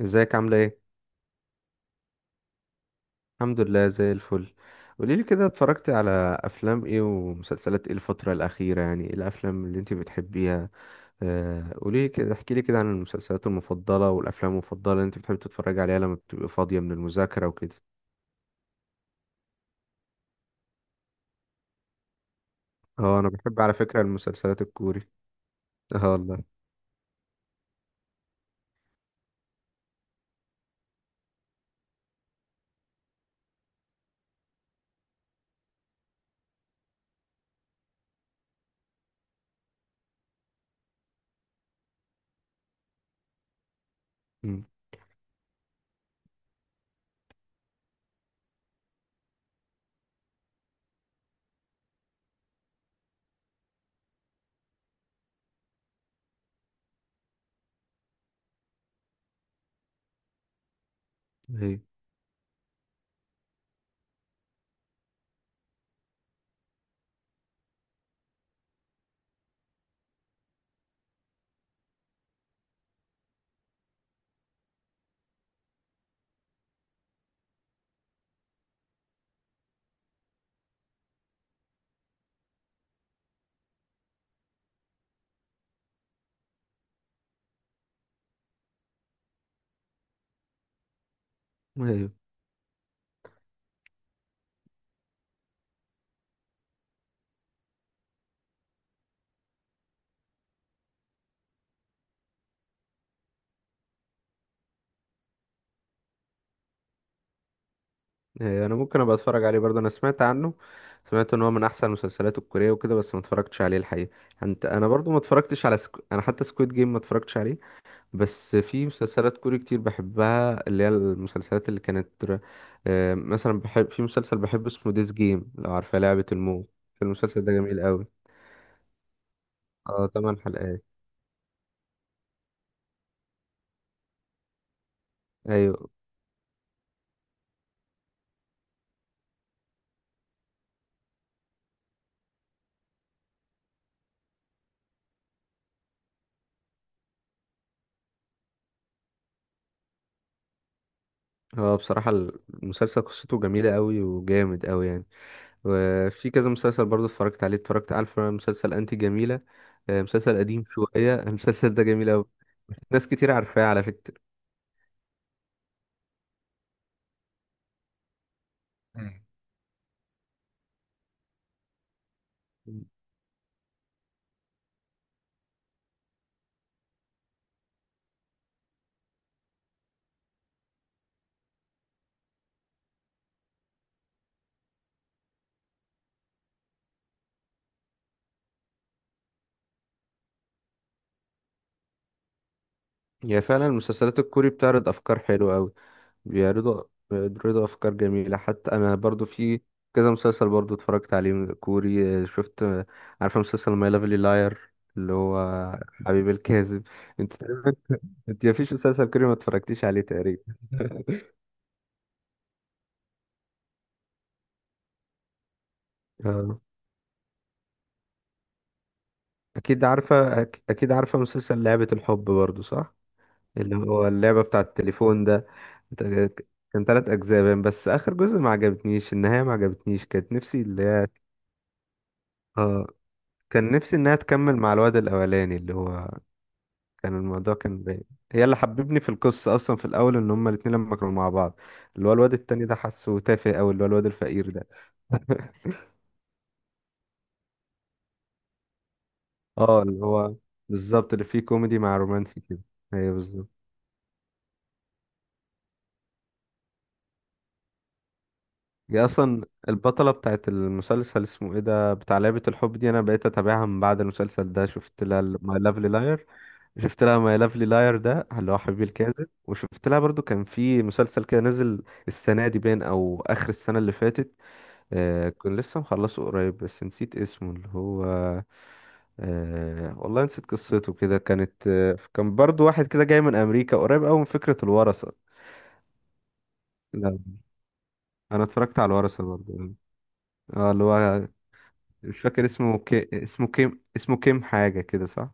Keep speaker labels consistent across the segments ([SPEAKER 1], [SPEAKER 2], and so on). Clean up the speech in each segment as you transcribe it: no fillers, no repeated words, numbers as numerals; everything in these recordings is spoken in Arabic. [SPEAKER 1] ازيك عاملة ايه؟ الحمد لله زي الفل. قوليلي كده اتفرجتي على افلام ايه ومسلسلات ايه الفترة الأخيرة؟ يعني ايه الافلام اللي انت بتحبيها؟ قوليلي كده احكيلي كده عن المسلسلات المفضلة والافلام المفضلة اللي انت بتحبي تتفرجي عليها لما بتبقي فاضية من المذاكرة وكده. اه، انا بحب على فكرة المسلسلات الكوري. اه والله. مم. ايوه، ايوه، ايوه، انا ممكن ابقى اتفرج عليه برضه، انا سمعت عنه. سمعت ان هو من احسن المسلسلات الكورية وكده، بس ما اتفرجتش عليه الحقيقة. انا برضه ما اتفرجتش انا حتى سكويد جيم ما اتفرجتش عليه. بس في مسلسلات كوري كتير بحبها، اللي هي المسلسلات اللي كانت مثلا بحب في مسلسل، بحب اسمه ديز جيم، لو عارفة لعبة الموت. المسلسل ده جميل قوي. اه تمن حلقات. ايوه، هو بصراحة المسلسل قصته جميلة قوي وجامد قوي يعني. وفي كذا مسلسل برضه اتفرجت عليه. اتفرجت، عارفة مسلسل انتي جميلة؟ مسلسل قديم شوية المسلسل ده جميل قوي. ناس كتير عارفاه على فكرة. مم. هي فعلا المسلسلات الكوري بتعرض افكار حلوة قوي. بيعرضوا بيعرضوا افكار جميله. حتى انا برضو في كذا مسلسل برضو اتفرجت عليه، كوري. شفت عارفه مسلسل ماي لافلي لاير، اللي هو حبيب الكاذب. انت تقريباً- انت مفيش مسلسل كوري ما اتفرجتيش عليه تقريبا. اه، اكيد عارفه مسلسل لعبه الحب برضو، صح؟ اللي هو اللعبه بتاع التليفون ده. أنت- كان ثلاث اجزاء باين، بس اخر جزء ما عجبتنيش النهايه، ما عجبتنيش، كانت نفسي اللي هي اه، كان نفسي انها تكمل مع الواد الاولاني اللي هو كان الموضوع كان باين. هي اللي حببني في القصة أصلا في الأول، إن هما الاتنين لما كانوا مع بعض اللي هو الواد التاني ده، حاسه تافه أوي اللي هو الواد الفقير ده. اه، اللي هو بالظبط اللي فيه كوميدي مع رومانسي كده. هي بالظبط. هي أصلا البطلة بتاعت المسلسل اسمه ايه ده، بتاع لعبة الحب دي، أنا بقيت أتابعها من بعد المسلسل ده. شفت لها ماي لافلي لاير. شفت لها ماي لافلي لاير، ده اللي هو حبيبي الكاذب، وشفت لها برضو كان في مسلسل كده نزل السنة دي باين، أو آخر السنة اللي فاتت. كنت لسه مخلصه قريب، بس نسيت اسمه اللي هو والله نسيت قصته كده، كانت كان برضو واحد كده جاي من أمريكا، قريب أوي من فكرة الورثة. لا، أنا اتفرجت على الورثة برضو. اه، اللي هو مش فاكر اسمه، كي اسمه كيم اسمه كيم حاجة كده، صح؟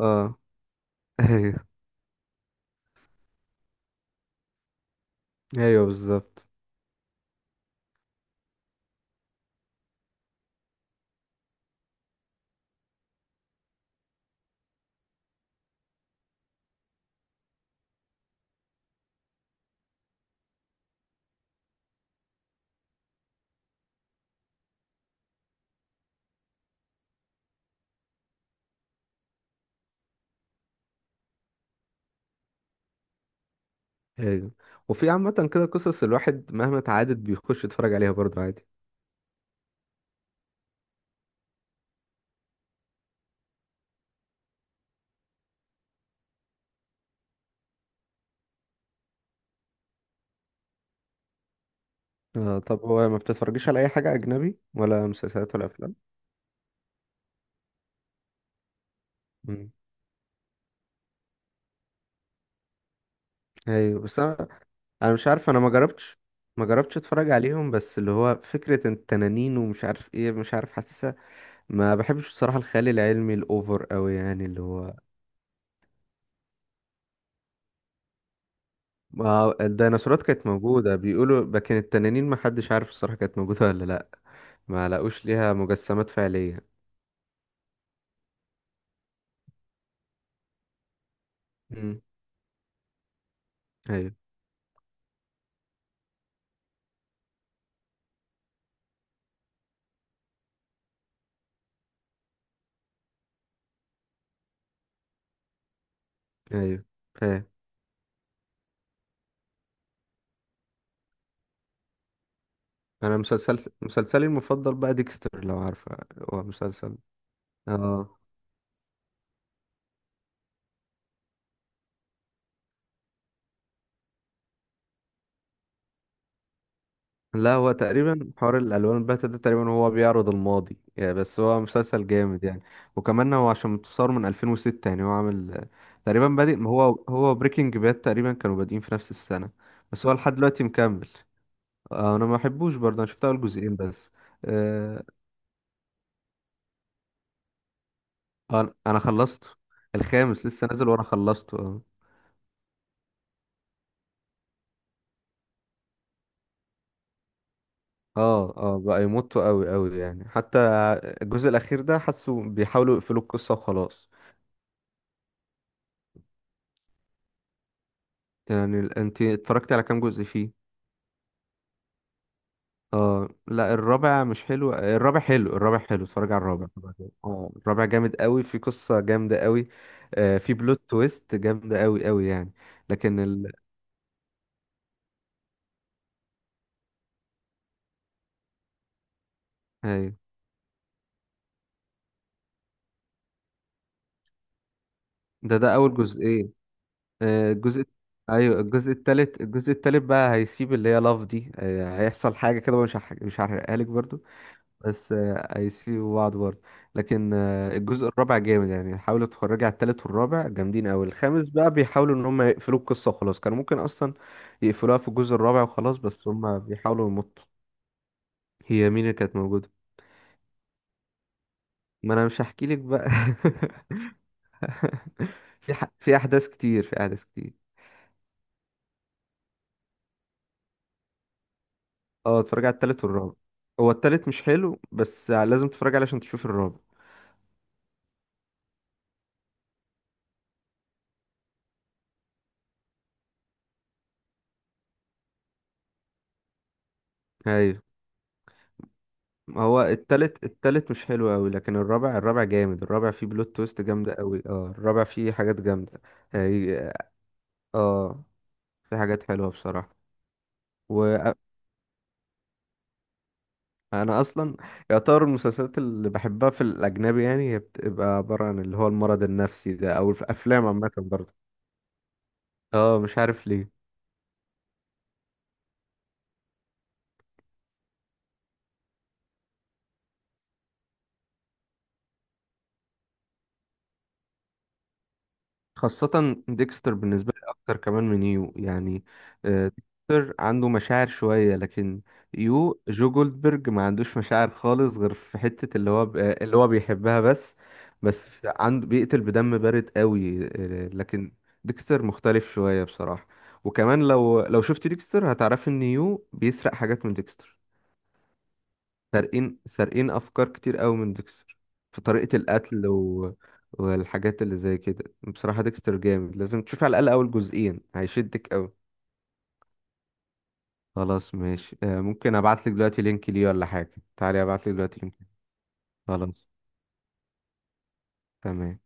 [SPEAKER 1] اه ايوه، ايوه بالظبط. ايوه، وفي عامة كده قصص الواحد مهما اتعادت بيخش يتفرج عليها برضو عادي. طب هو ما بتتفرجيش على أي حاجة أجنبي ولا مسلسلات ولا أفلام؟ مم. ايوه، بس انا مش عارف، انا ما جربتش اتفرج عليهم، بس اللي هو فكرة التنانين ومش عارف ايه، مش عارف حاسسها. ما بحبش بصراحة الخيال العلمي الاوفر قوي، يعني اللي هو ما الديناصورات كانت موجودة بيقولوا، لكن التنانين ما حدش عارف الصراحة كانت موجودة ولا لا. ما لقوش ليها مجسمات فعلية. امم. ايوه. ايوه، فاهم. انا مسلسلي المفضل بقى ديكستر، لو عارفة. هو مسلسل اه لا، هو تقريبا حوار الالوان الباهتة ده، تقريبا هو بيعرض الماضي يعني، بس هو مسلسل جامد يعني. وكمان هو عشان متصور من 2006 يعني، هو عامل تقريبا بادئ ما هو. هو بريكنج باد تقريبا كانوا بادئين في نفس السنة، بس هو لحد دلوقتي مكمل. انا ما بحبوش برضه، انا شفت اول جزئين بس. آه، انا أنا خلصته. الخامس لسه نازل وانا خلصته، اه. اه، اه، بقى يمطوا قوي قوي يعني. حتى الجزء الاخير ده حاسه بيحاولوا يقفلوا القصة وخلاص. يعني انت اتفرجت على كام جزء فيه؟ اه، لا، الرابع مش حلو الرابع حلو، الرابع حلو، اتفرج على الرابع، الرابع جامد. اه، الرابع جامد قوي، في قصة جامدة قوي. في بلوت تويست جامدة قوي قوي يعني. لكن ال... أيوة. ده اول جزئين. آه الجزء ايوه، الجزء التالت بقى هيسيب اللي هي لاف دي، هيحصل حاجة كده، مش هحرقها لك برضو، بس هيسيبوا بعض برضه. لكن الجزء الرابع جامد يعني، حاولوا تتفرج على التالت والرابع، جامدين قوي. الخامس بقى بيحاولوا ان هم يقفلوا القصة وخلاص، كانوا ممكن اصلا يقفلوها في الجزء الرابع وخلاص، بس هم بيحاولوا يمطوا. هي مين اللي كانت موجودة؟ ما انا مش هحكي لك بقى. في احداث كتير، في احداث كتير. اه، اتفرج على التالت والرابع. هو التالت مش حلو بس لازم تتفرج عليه عشان تشوف الرابع. ايوه، هو التالت مش حلو قوي، لكن الرابع جامد. الرابع فيه بلوت تويست جامدة قوي. اه الرابع فيه حاجات جامدة. هي- اه، في حاجات حلوة بصراحة. وانا اصلا يعتبر المسلسلات اللي بحبها في الاجنبي، يعني هي بتبقى عبارة عن اللي هو المرض النفسي ده، او في افلام عامة برضه. اه، مش عارف ليه. خاصة ديكستر بالنسبة لي أكتر كمان من يو يعني. آه، ديكستر عنده مشاعر شوية، لكن يو جو جولدبرج ما عندوش مشاعر خالص، غير في حتة اللي هو اللي هو بيحبها بس. بس عنده بيقتل بدم بارد قوي، لكن ديكستر مختلف شوية بصراحة. وكمان لو شفت ديكستر هتعرفي إن يو بيسرق حاجات من ديكستر. سارقين افكار كتير قوي من ديكستر في طريقة القتل والحاجات اللي زي كده. بصراحة ديكستر جامد، لازم تشوف على الاقل اول جزئين، هيشدك قوي. خلاص ماشي، ممكن ابعت لك دلوقتي لينك ليه ولا حاجة. تعالي ابعت لك دلوقتي لينك. خلاص. تمام.